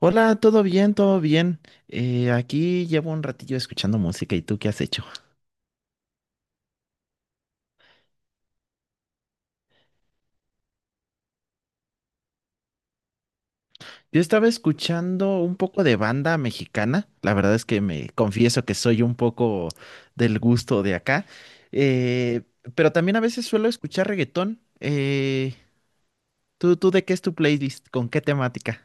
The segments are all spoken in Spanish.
Hola, ¿todo bien? ¿Todo bien? Aquí llevo un ratillo escuchando música. ¿Y tú qué has hecho? Yo estaba escuchando un poco de banda mexicana. La verdad es que me confieso que soy un poco del gusto de acá, eh, pero también a veces suelo escuchar reggaetón. ¿Tú de qué es tu playlist? ¿Con qué temática?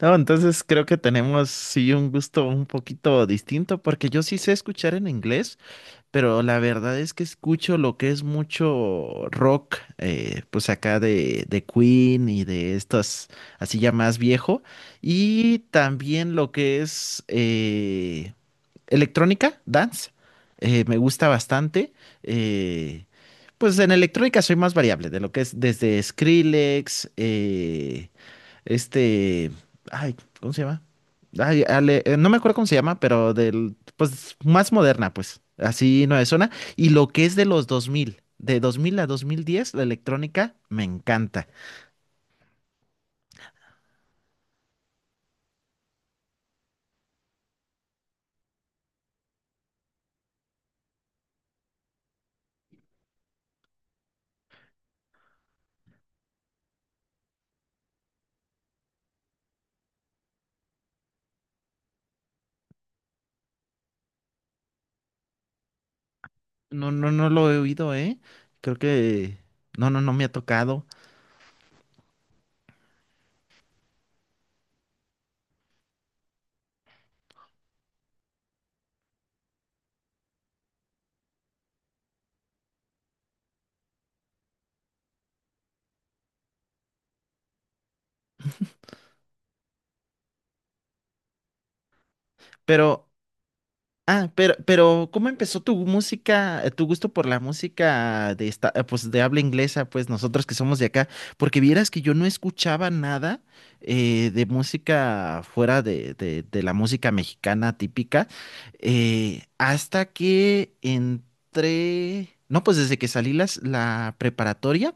No, entonces creo que tenemos sí un gusto un poquito distinto porque yo sí sé escuchar en inglés. Pero la verdad es que escucho lo que es mucho rock, pues acá de Queen y de estas, así ya más viejo, y también lo que es electrónica, dance, me gusta bastante. eh, pues en electrónica soy más variable, de lo que es desde Skrillex, este, ay, ¿cómo se llama? Ay, no me acuerdo cómo se llama, pero del, pues, más moderna, pues, así no es zona. Y lo que es de 2000 a 2010 la electrónica, me encanta. No, no, no lo he oído, ¿eh? Creo que, no, no, no me ha tocado. Pero Ah, pero ¿cómo empezó tu música, tu gusto por la música de esta, pues de habla inglesa, pues nosotros que somos de acá? Porque vieras que yo no escuchaba nada de música fuera de, de la música mexicana típica, hasta que entré, no, pues desde que salí la preparatoria.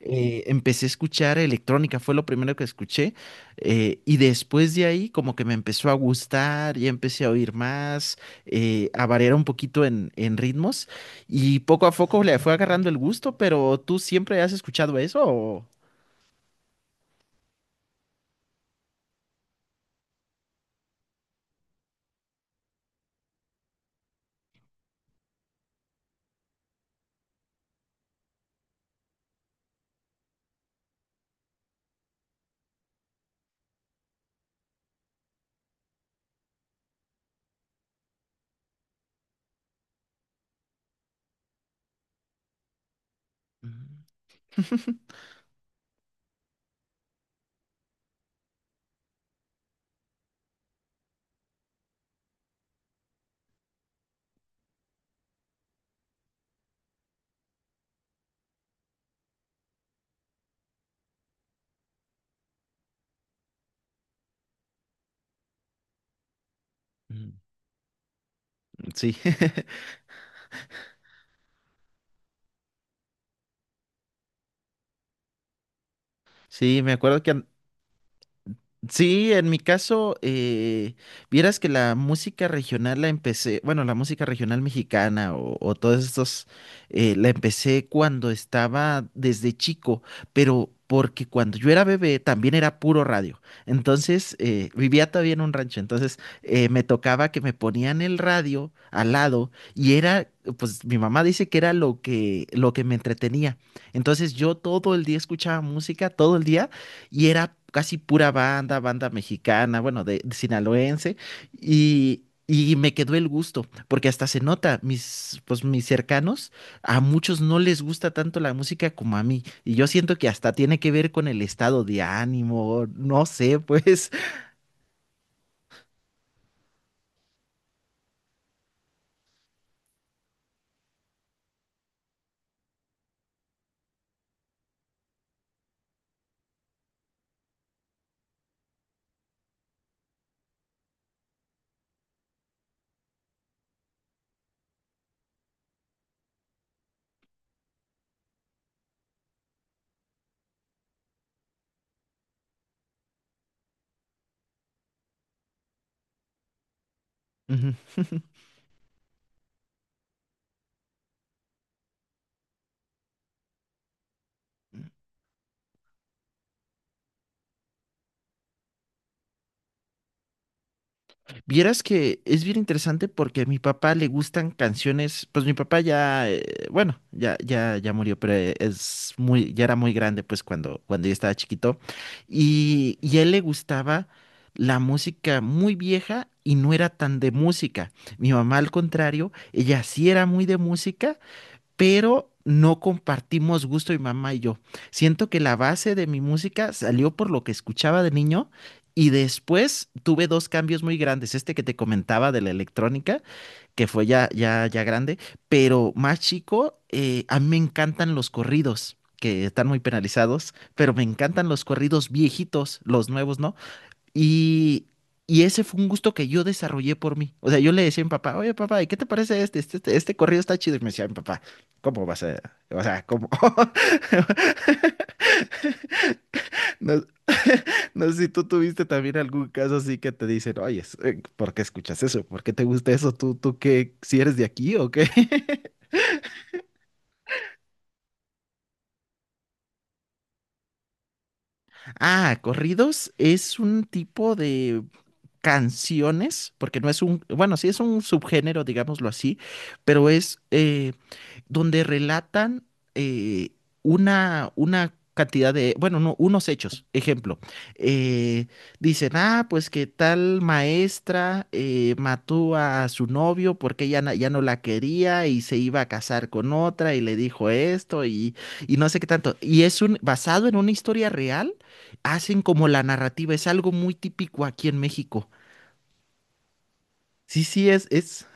Empecé a escuchar electrónica, fue lo primero que escuché, y después de ahí como que me empezó a gustar, ya empecé a oír más, a variar un poquito en ritmos, y poco a poco le fue agarrando el gusto, pero ¿tú siempre has escuchado eso? ¿O? Mm, mm, Sí, sí, me acuerdo que. Sí, en mi caso, vieras que la música regional la empecé, bueno, la música regional mexicana o todos estos, la empecé cuando estaba desde chico, pero porque cuando yo era bebé también era puro radio. Entonces, vivía todavía en un rancho, entonces me tocaba que me ponían el radio al lado y era, pues mi mamá dice que era lo que me entretenía. Entonces yo todo el día escuchaba música, todo el día y era casi pura banda mexicana, bueno, de sinaloense, y me quedó el gusto, porque hasta se nota, pues mis cercanos, a muchos no les gusta tanto la música como a mí, y yo siento que hasta tiene que ver con el estado de ánimo, no sé, pues. Ujú. Vieras que es bien interesante porque a mi papá le gustan canciones, pues mi papá ya, bueno, ya, ya, ya murió, pero ya era muy grande pues cuando yo estaba chiquito y a él le gustaba la música muy vieja y no era tan de música. Mi mamá al contrario, ella sí era muy de música, pero no compartimos gusto mi mamá y yo. Siento que la base de mi música salió por lo que escuchaba de niño y después tuve dos cambios muy grandes, este que te comentaba de la electrónica, que fue ya ya ya grande, pero más chico, a mí me encantan los corridos que están muy penalizados, pero me encantan los corridos viejitos, los nuevos, ¿no? Y, y ese fue un gusto que yo desarrollé por mí. O sea, yo le decía a mi papá, oye, papá, ¿y qué te parece este? Este corrido está chido. Y me decía mi papá, ¿cómo vas a...? O sea, ¿cómo? No, no sé si tú tuviste también algún caso así que te dicen, oye, ¿por qué escuchas eso? ¿Por qué te gusta eso? ¿Tú qué? ¿Si eres de aquí o qué? Ah, corridos es un tipo de canciones, porque no es un, bueno, sí es un subgénero, digámoslo así, pero es, donde relatan eh, una cantidad de, bueno, no, unos hechos. Ejemplo, eh, dicen, ah, pues que tal maestra mató a su novio porque ella ya no la quería y se iba a casar con otra y le dijo esto y no sé qué tanto. Y es un, basado en una historia real, hacen como la narrativa, es algo muy típico aquí en México. Sí, sí, es, es.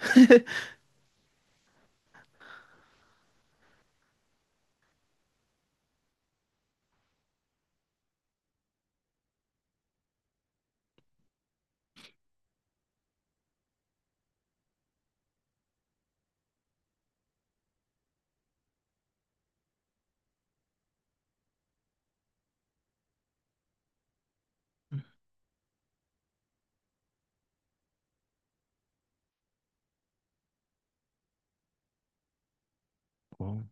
Oh.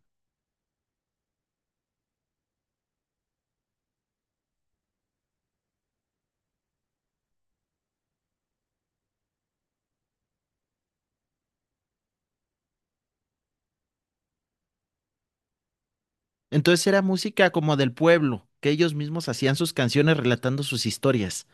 Entonces era música como del pueblo, que ellos mismos hacían sus canciones relatando sus historias.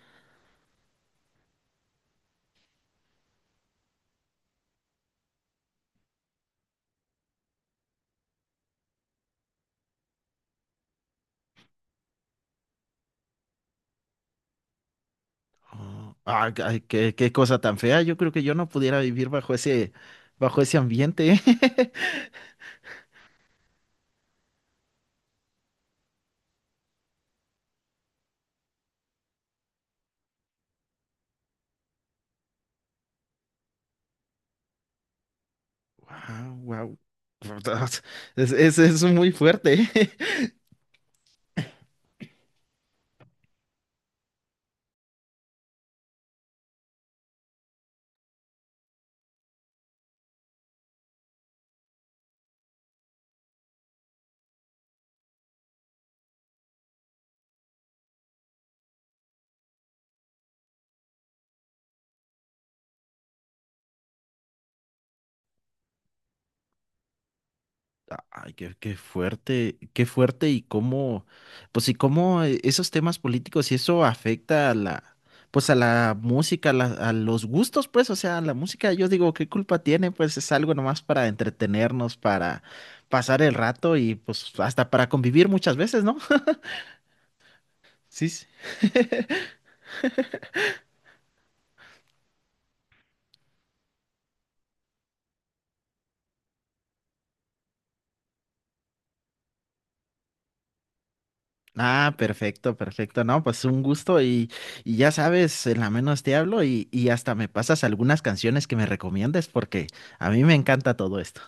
Oh, ah, ay, qué cosa tan fea. Yo creo que yo no pudiera vivir bajo bajo ese ambiente. Wow, wow. Es muy fuerte. Ay, qué fuerte, qué fuerte y cómo, pues y cómo esos temas políticos y eso afecta a la, pues a la música, a, a los gustos, pues, o sea, la música, yo digo, ¿qué culpa tiene? Pues es algo nomás para entretenernos, para pasar el rato y pues hasta para convivir muchas veces, ¿no? Sí. Sí. Ah, perfecto, perfecto. No, pues un gusto y ya sabes, en la menos te hablo y hasta me pasas algunas canciones que me recomiendes porque a mí me encanta todo esto.